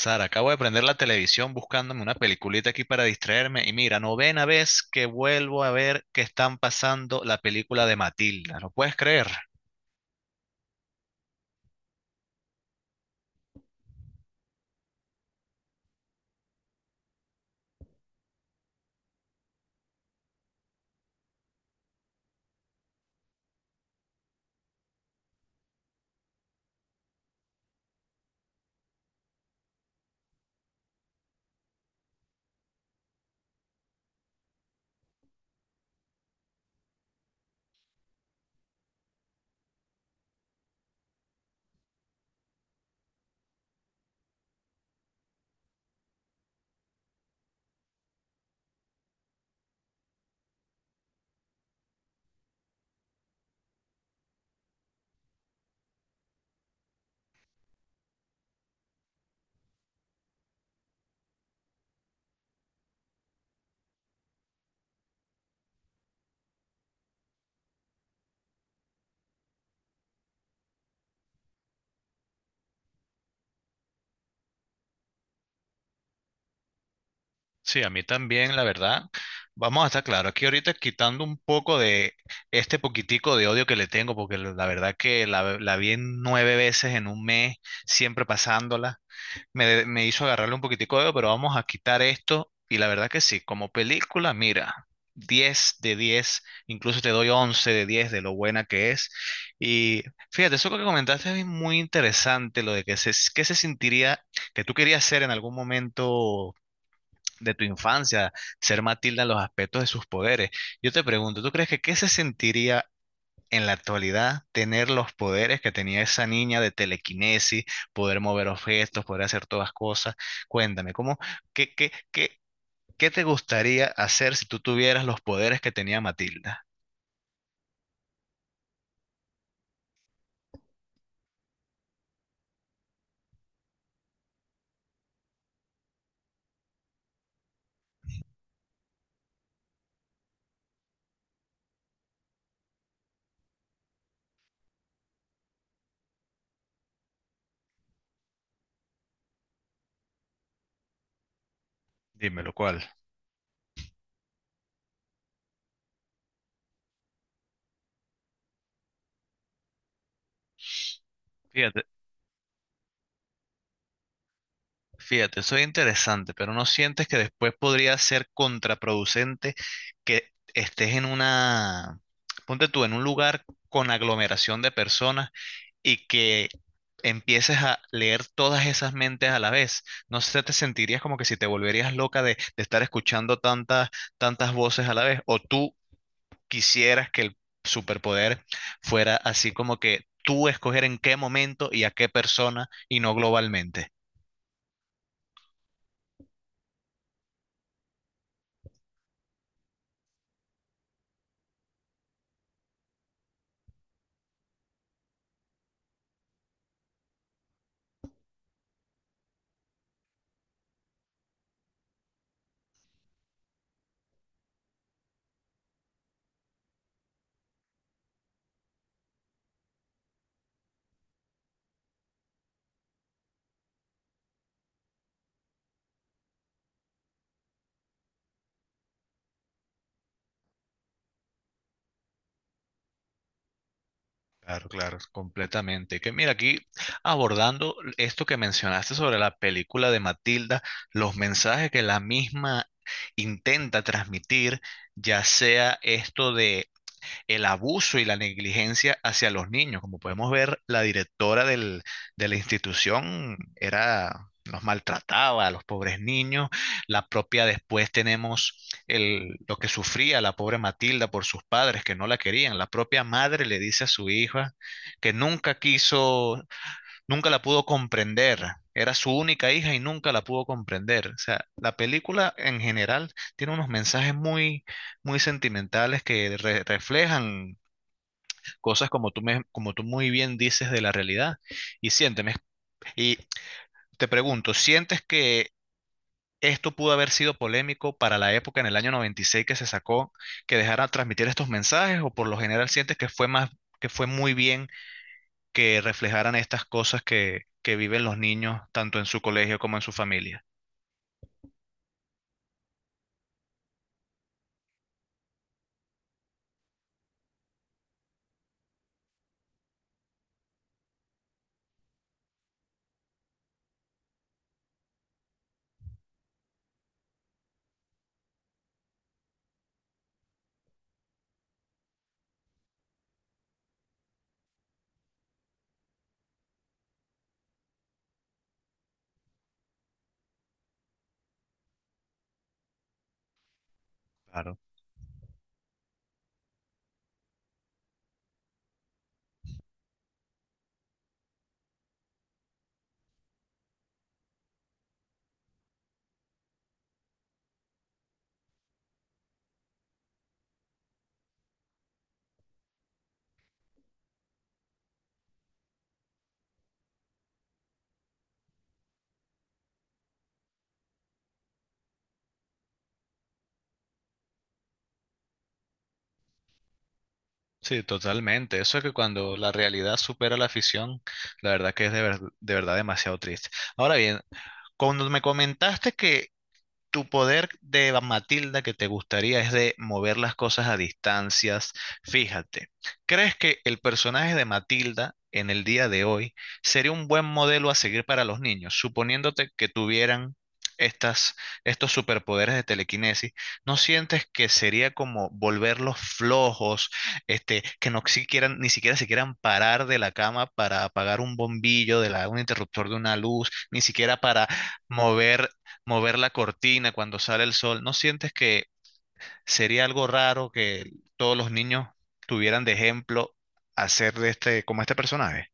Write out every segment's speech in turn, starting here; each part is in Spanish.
Sara, acabo de prender la televisión buscándome una peliculita aquí para distraerme y mira, novena vez que vuelvo a ver que están pasando la película de Matilda, ¿lo puedes creer? Sí, a mí también, la verdad. Vamos a estar claro, aquí ahorita quitando un poco de este poquitico de odio que le tengo, porque la verdad que la vi en nueve veces en un mes, siempre pasándola. Me hizo agarrarle un poquitico de, dedo, pero vamos a quitar esto. Y la verdad que sí, como película, mira, 10 de 10, incluso te doy 11 de 10 de lo buena que es. Y fíjate, eso que comentaste es muy interesante, lo de que se sentiría, que tú querías ser en algún momento de tu infancia, ser Matilda en los aspectos de sus poderes. Yo te pregunto, ¿tú crees que qué se sentiría en la actualidad tener los poderes que tenía esa niña de telequinesis, poder mover objetos, poder hacer todas cosas? Cuéntame, ¿cómo, qué, qué, qué, qué te gustaría hacer si tú tuvieras los poderes que tenía Matilda? Dímelo, ¿cuál? Fíjate, fíjate, soy interesante, pero ¿no sientes que después podría ser contraproducente que estés en una, ponte tú, en un lugar con aglomeración de personas y que empieces a leer todas esas mentes a la vez? No sé, te sentirías como que si te volverías loca de estar escuchando tantas, tantas voces a la vez, o tú quisieras que el superpoder fuera así como que tú escoger en qué momento y a qué persona y no globalmente. Claro, claro, completamente. Que mira, aquí abordando esto que mencionaste sobre la película de Matilda, los mensajes que la misma intenta transmitir, ya sea esto de el abuso y la negligencia hacia los niños. Como podemos ver, la directora del, de la institución era, los maltrataba a los pobres niños. La propia después tenemos el, lo que sufría la pobre Matilda por sus padres que no la querían. La propia madre le dice a su hija que nunca quiso, nunca la pudo comprender. Era su única hija y nunca la pudo comprender. O sea, la película en general tiene unos mensajes muy, muy sentimentales que re- reflejan cosas como tú, me- como tú muy bien dices de la realidad. Y siénteme, y te pregunto, ¿sientes que esto pudo haber sido polémico para la época en el año 96 que se sacó, que dejara transmitir estos mensajes, o por lo general sientes que fue más, que fue muy bien que reflejaran estas cosas que viven los niños, tanto en su colegio como en su familia? Claro. Sí, totalmente. Eso es que cuando la realidad supera la ficción, la verdad que es de, ver- de verdad demasiado triste. Ahora bien, cuando me comentaste que tu poder de Matilda que te gustaría es de mover las cosas a distancias. Fíjate, ¿crees que el personaje de Matilda en el día de hoy sería un buen modelo a seguir para los niños? Suponiéndote que tuvieran estas, estos superpoderes de telequinesis, ¿no sientes que sería como volverlos flojos, este, que no siquiera, ni siquiera se quieran parar de la cama para apagar un bombillo, de la, un interruptor de una luz, ni siquiera para mover mover la cortina cuando sale el sol? ¿No sientes que sería algo raro que todos los niños tuvieran de ejemplo hacer de este, como este personaje?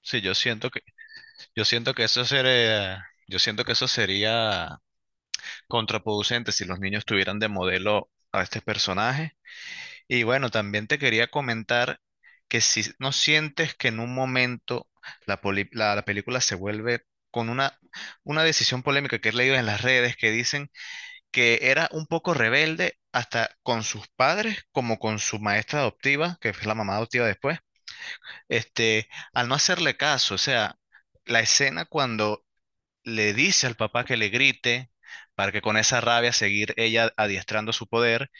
Sí, yo siento que, yo siento que eso sería contraproducente si los niños tuvieran de modelo a este personaje. Y bueno, también te quería comentar que si no sientes que en un momento la, poli- la película se vuelve con una decisión polémica que he leído en las redes que dicen que era un poco rebelde hasta con sus padres como con su maestra adoptiva, que es la mamá adoptiva después, este, al no hacerle caso, o sea, la escena cuando le dice al papá que le grite para que con esa rabia seguir ella adiestrando su poder,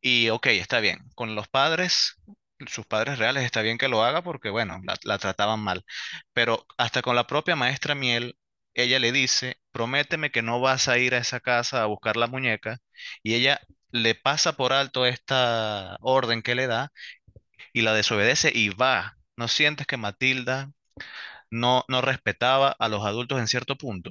y ok, está bien. Con los padres, sus padres reales, está bien que lo haga porque, bueno, la trataban mal. Pero hasta con la propia maestra Miel, ella le dice, prométeme que no vas a ir a esa casa a buscar la muñeca. Y ella le pasa por alto esta orden que le da y la desobedece y va. ¿No sientes que Matilda no, no respetaba a los adultos en cierto punto?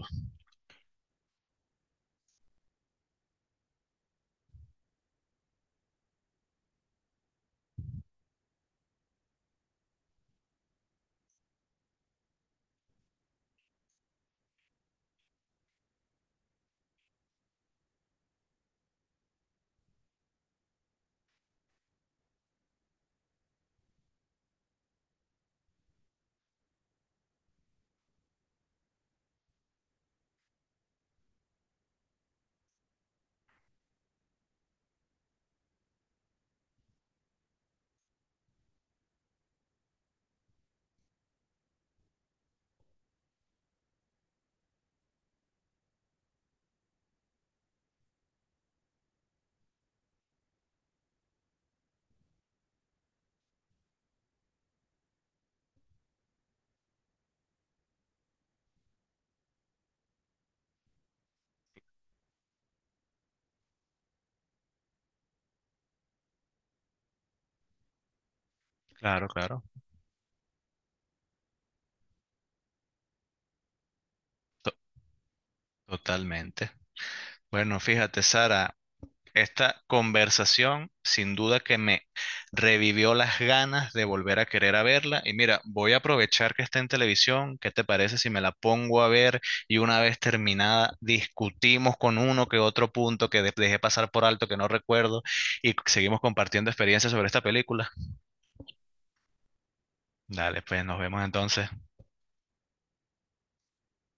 Claro, claro. To- Totalmente. Bueno, fíjate, Sara. Esta conversación sin duda que me revivió las ganas de volver a querer a verla. Y mira, voy a aprovechar que está en televisión. ¿Qué te parece si me la pongo a ver y una vez terminada discutimos con uno que otro punto que de- dejé pasar por alto que no recuerdo y seguimos compartiendo experiencias sobre esta película? Dale, pues nos vemos entonces.